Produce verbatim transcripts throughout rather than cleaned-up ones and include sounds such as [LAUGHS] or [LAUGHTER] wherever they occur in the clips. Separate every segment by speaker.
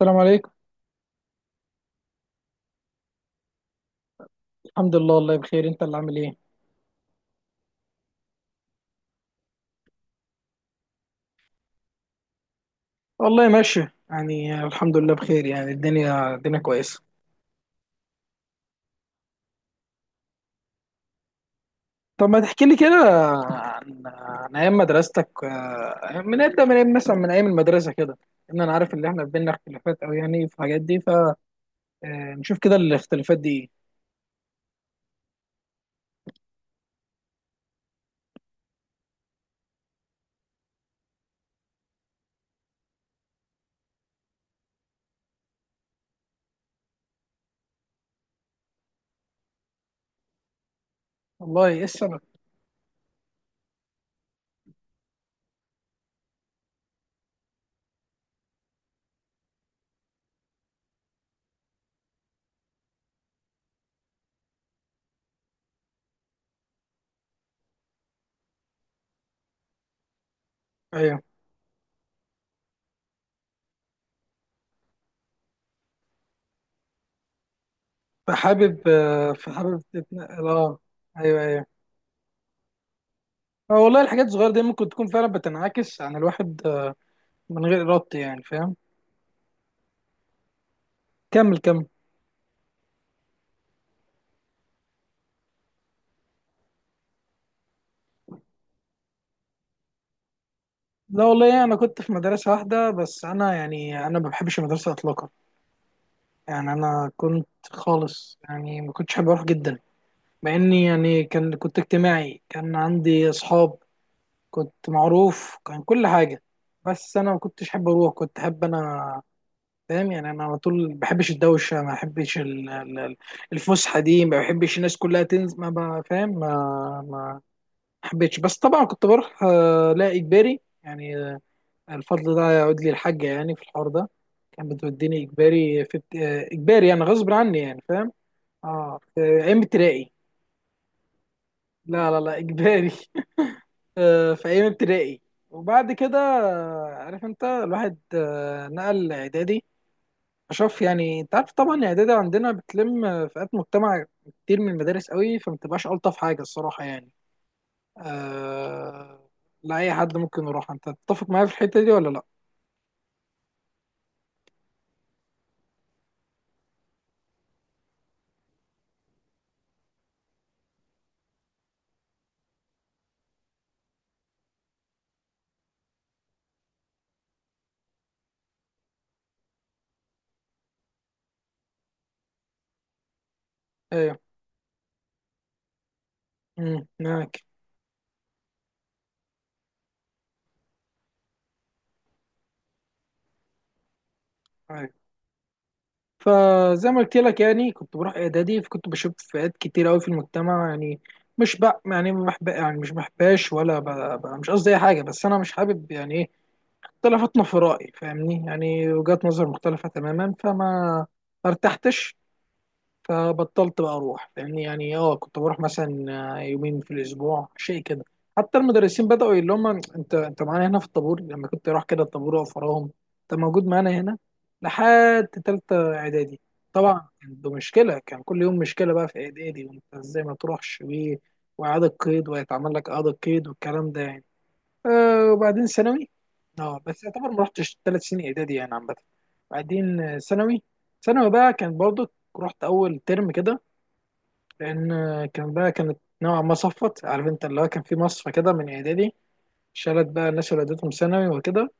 Speaker 1: السلام عليكم. الحمد لله، والله بخير. انت اللي عامل ايه؟ والله ماشي يعني الحمد لله بخير. يعني الدنيا الدنيا كويسه. طب ما تحكي لي كده عن عن ايام مدرستك. آه، من ابدا من ايام مثلا من ايام المدرسه كده. ان انا عارف ان احنا بينا اختلافات او يعني في الحاجات دي، فنشوف كده الاختلافات دي ايه. والله ايه السبب؟ ايوه. فحابب آه، فحابب تتنقل، اه. ايوه، ايوه. اه والله الحاجات الصغيره دي ممكن تكون فعلا بتنعكس عن الواحد آه، من غير ارادته يعني. فاهم. كمل، كمل. لا والله، انا كنت في مدرسه واحده، بس انا يعني انا ما بحبش المدرسه اطلاقا. يعني انا كنت خالص يعني ما كنتش حابب اروح جدا. مع اني يعني كان كنت اجتماعي، كان عندي اصحاب، كنت معروف، كان كل حاجه. بس انا ما كنتش حابب اروح، كنت حابب انا. فاهم يعني انا على طول ما بحبش الدوشه، ما بحبش ال- ال- ال- الفسحه دي، ما بحبش الناس كلها تنزل. ما بقى- فاهم؟ ما ما حبيتش. بس طبعا كنت بروح، آه، لا اجباري يعني. الفضل ده يعود لي الحاجة يعني في الحوار ده. كانت بتوديني إجباري في ابت- آه، إجباري يعني غصب عني يعني. فاهم؟ اه في أيام ابتدائي. لا لا لا إجباري [LAUGHS] آه، في أيام ابتدائي. وبعد كده آه، عارف أنت الواحد آه، نقل إعدادي. أشوف يعني أنت عارف طبعا الإعدادي عندنا بتلم آه، فئات مجتمع كتير من المدارس قوي، فما بتبقاش ألطف حاجة الصراحة يعني. آه، لا، أي حد ممكن يروح. أنت تتفق معايا في الحتة دي ولا لأ؟ أيوه. أمم، معاك. فزي ما قلت لك يعني كنت بروح اعدادي، فكنت بشوف فئات كتير قوي في المجتمع يعني. مش بق يعني ما بحب يعني مش بحباش ولا ب... ب... مش قصدي اي حاجه، بس انا مش حابب يعني ايه اختلافاتنا في رايي. فاهمني يعني وجهات نظر مختلفه تماما، فما ارتحتش. فبطلت بقى اروح. فاهمني يعني. اه كنت بروح مثلا آه، يومين في الاسبوع، شيء كده. حتى المدرسين بدأوا يقولوا لهم: انت انت معانا هنا في الطابور. لما كنت اروح كده الطابور واقف وراهم: انت موجود معانا هنا. لحد تالتة اعدادي. طبعا كان ده مشكلة، كان كل يوم مشكلة بقى في اعدادي، وانت ازاي ما تروحش و- واعادة قيد، ويتعمل لك اعادة قيد والكلام ده يعني. آه وبعدين ثانوي. اه بس يعتبر ما رحتش ثلاث سنين اعدادي يعني عامه. بعدين آه، ثانوي. ثانوي بقى كان برضه. رحت اول ترم كده، لان آه، كان بقى كانت نوعا ما صفت، عارف انت اللي هو كان في مصفى كده من اعدادي. شالت بقى الناس اللي اديتهم ثانوي وكده.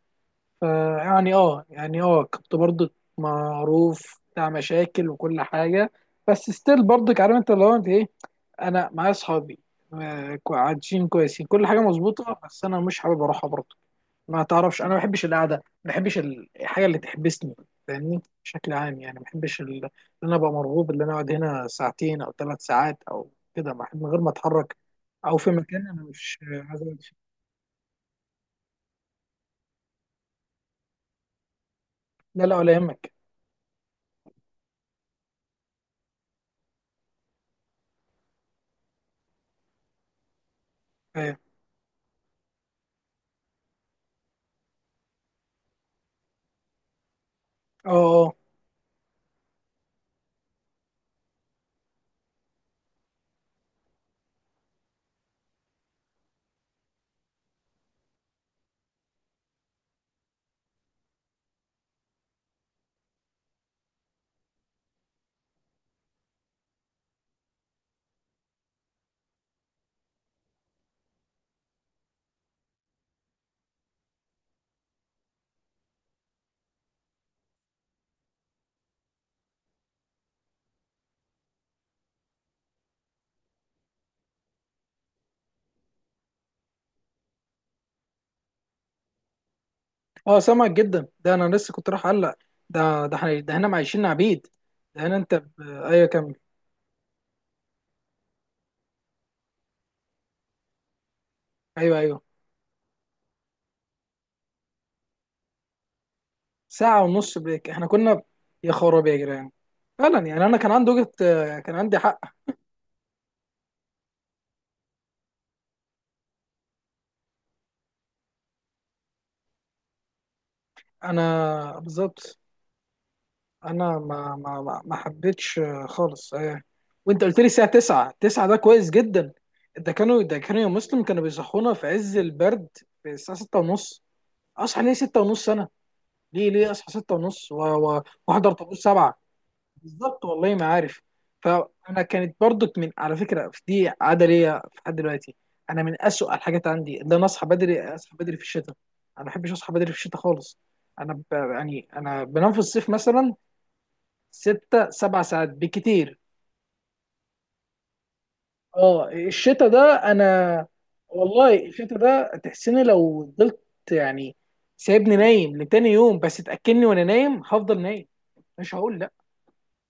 Speaker 1: فيعني اه يعني اه كنت برضك معروف بتاع مشاكل وكل حاجه. بس ستيل برضك عارف انت اللي هو انت ايه. انا معايا اصحابي، آه، كو- عايشين كويسين كل حاجه مظبوطه، بس انا مش حابب اروحها برضه. ما تعرفش انا ما بحبش القعده، ما بحبش ال- الحاجه اللي تحبسني. فاهمني بشكل عام يعني ما بحبش ال- ان انا ابقى مرغوب ان انا اقعد هنا ساعتين او ثلاث ساعات او كده ما- من غير ما اتحرك، او في مكان انا مش عايز اقعد فيه. لا لا ولا يهمك. اه، اه، آه. اه سامعك جدا. ده انا لسه كنت راح اقلق. ده ده احنا ده هنا عايشين عبيد. ده هنا انت ب... ايوه كمل. ايوه، ايوه. ساعه ونص بريك؟ احنا كنا ب- يا خراب يا جيران. فعلا يعني انا كان عندي وجهه آه، كان عندي حق. انا بالظبط. انا ما ما ما ما حبيتش آه، خالص آه. وانت قلت لي الساعه تسعة؟ تسعة ده كويس جدا. ده كانوا ده كانوا يا مسلم كانوا بيصحونا في عز البرد في الساعه ستة ونص. اصحى ليه السادسة ونص انا؟ ليه ليه اصحى ستة ونص و- و- واحضر طابور سبعة؟ بالظبط، والله ما عارف. فانا كانت برضك من على فكره في دي عاده ليا لحد دلوقتي. انا من اسوء الحاجات عندي ان انا اصحى بدري. اصحى بدري في الشتاء، انا ما بحبش اصحى بدري في الشتاء خالص. انا ب... يعني انا بنام في الصيف مثلا ستة سبع ساعات بكتير. اه الشتاء ده، انا والله الشتاء ده تحسني لو فضلت يعني سايبني نايم لتاني يوم. بس تاكلني وانا نايم هفضل نايم، مش هقول لا.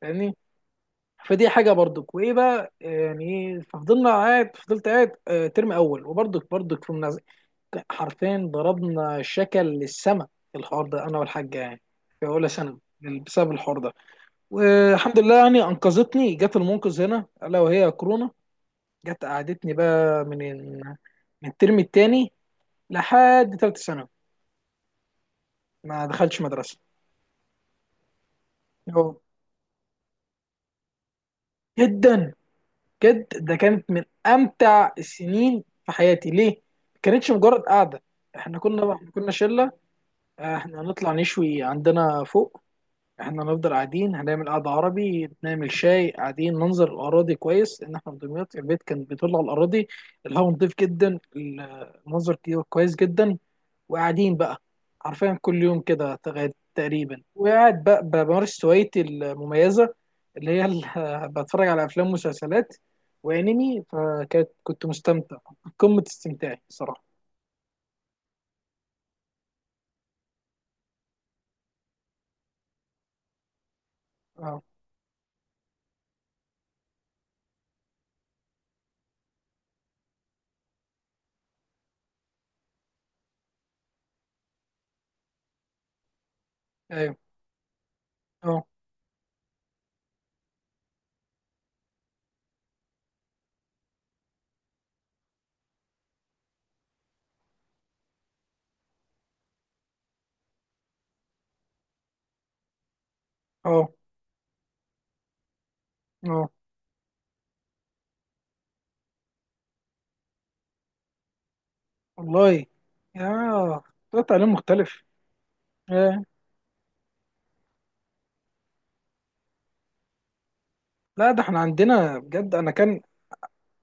Speaker 1: فاهمني. فدي حاجه برضك. وايه بقى يعني ايه؟ ففضلنا قاعد فضلت قاعد آه، ترم اول. وبرضك برضك في منازع. حرفيا ضربنا شكل للسما في الحوار ده انا والحاجه يعني في اولى ثانوي بسبب الحوار ده. والحمد لله يعني انقذتني، جت المنقذ هنا الا وهي كورونا. جت قعدتني بقى من ال- من الترم الثاني لحد ثالثه ثانوي ما دخلتش مدرسه. أهو. جدا. بجد ده كانت من امتع السنين في حياتي. ليه؟ ما كانتش مجرد قعده. احنا كنا احنا كنا شله. آه، احنا هنطلع نشوي عندنا فوق. احنا هنفضل قاعدين، هنعمل قعده عربي، نعمل شاي، قاعدين ننظر الاراضي كويس، لان احنا في دمياط البيت كان بيطل على الاراضي. الهواء نضيف جدا، المنظر كويس جدا. وقاعدين بقى حرفيا كل يوم كده تغ- تقريبا وقاعد بقى ب- بمارس هوايتي المميزة، اللي هي ال- [LAUGHS] بتفرج على أفلام ومسلسلات وأنمي. فكنت كنت مستمتع. قمة استمتاعي صراحة. اه، ايوه، اه، اه، اه والله يا ده تعليم مختلف. آه. لا ده احنا عندنا بجد انا كان.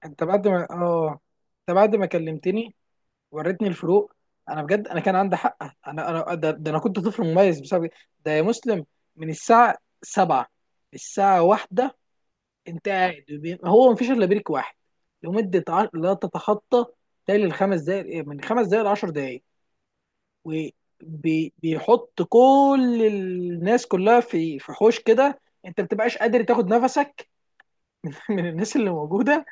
Speaker 1: انت بعد ما اه انت بعد ما كلمتني وريتني الفروق، انا بجد انا كان عندي حق. انا انا ده, ده انا كنت طفل مميز بسبب كده. ده يا مسلم من الساعه سبعة للساعه واحدة انت قاعد، وبي- هو مفيش الا بريك واحد لمده ع- لا تتخطى تالي الخمس دقائق، إيه، من خمس دقائق ل عشر دقائق. وبيحط كل الناس كلها في في حوش كده. انت ما بتبقاش قادر تاخد نفسك [LAUGHS] من الناس اللي موجوده.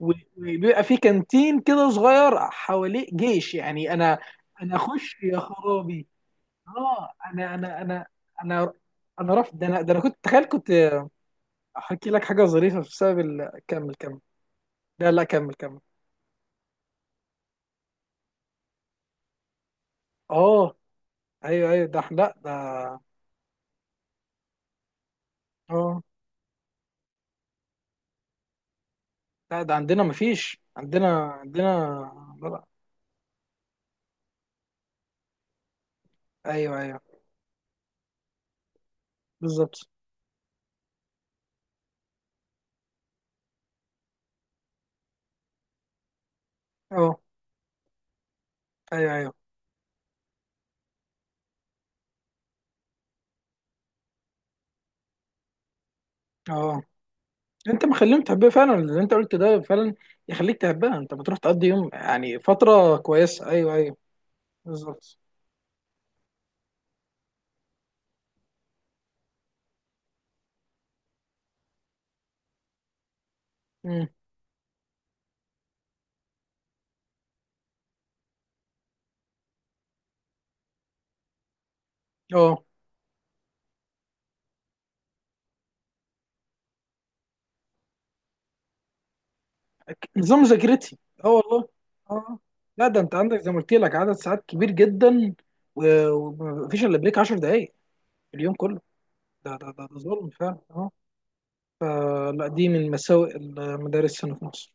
Speaker 1: و- وبيبقى في كانتين كده صغير حواليه جيش يعني انا. انا اخش يا خرابي. اه انا انا انا انا انا رافض ده. انا ده انا كنت تخيل، كنت احكي لك حاجه ظريفه بسبب ال... كمل، كمل. لا لا، كمل كمل. اه، ايوه، ايوه. ده إحنا- لا ده. اه لا ده عندنا مفيش عندنا عندنا لا لا. ايوه، ايوه. بالظبط. اه، ايوه، ايوه. اه انت مخليهم تحبها فعلا، اللي انت قلت ده فعلا يخليك تحبها. انت بتروح تقضي يوم يعني فتره كويسه. ايوه، ايوه. بالظبط. امم. اه أك- نظام مذاكرتي. اه والله. اه آه. لا ده انت عندك زي ما قلت لك عدد ساعات كبير جدا، و- ومفيش الا بريك عشر دقائق في اليوم كله. ده ده ده, ده ظلم فعلا اه. فلا دي من مساوئ المدارس هنا في مصر.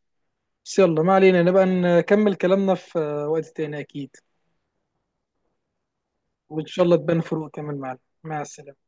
Speaker 1: بس يلا، ما علينا، نبقى نكمل كلامنا في وقت تاني اكيد. وان شاء الله تبان فروق كمان معانا. مع السلامه.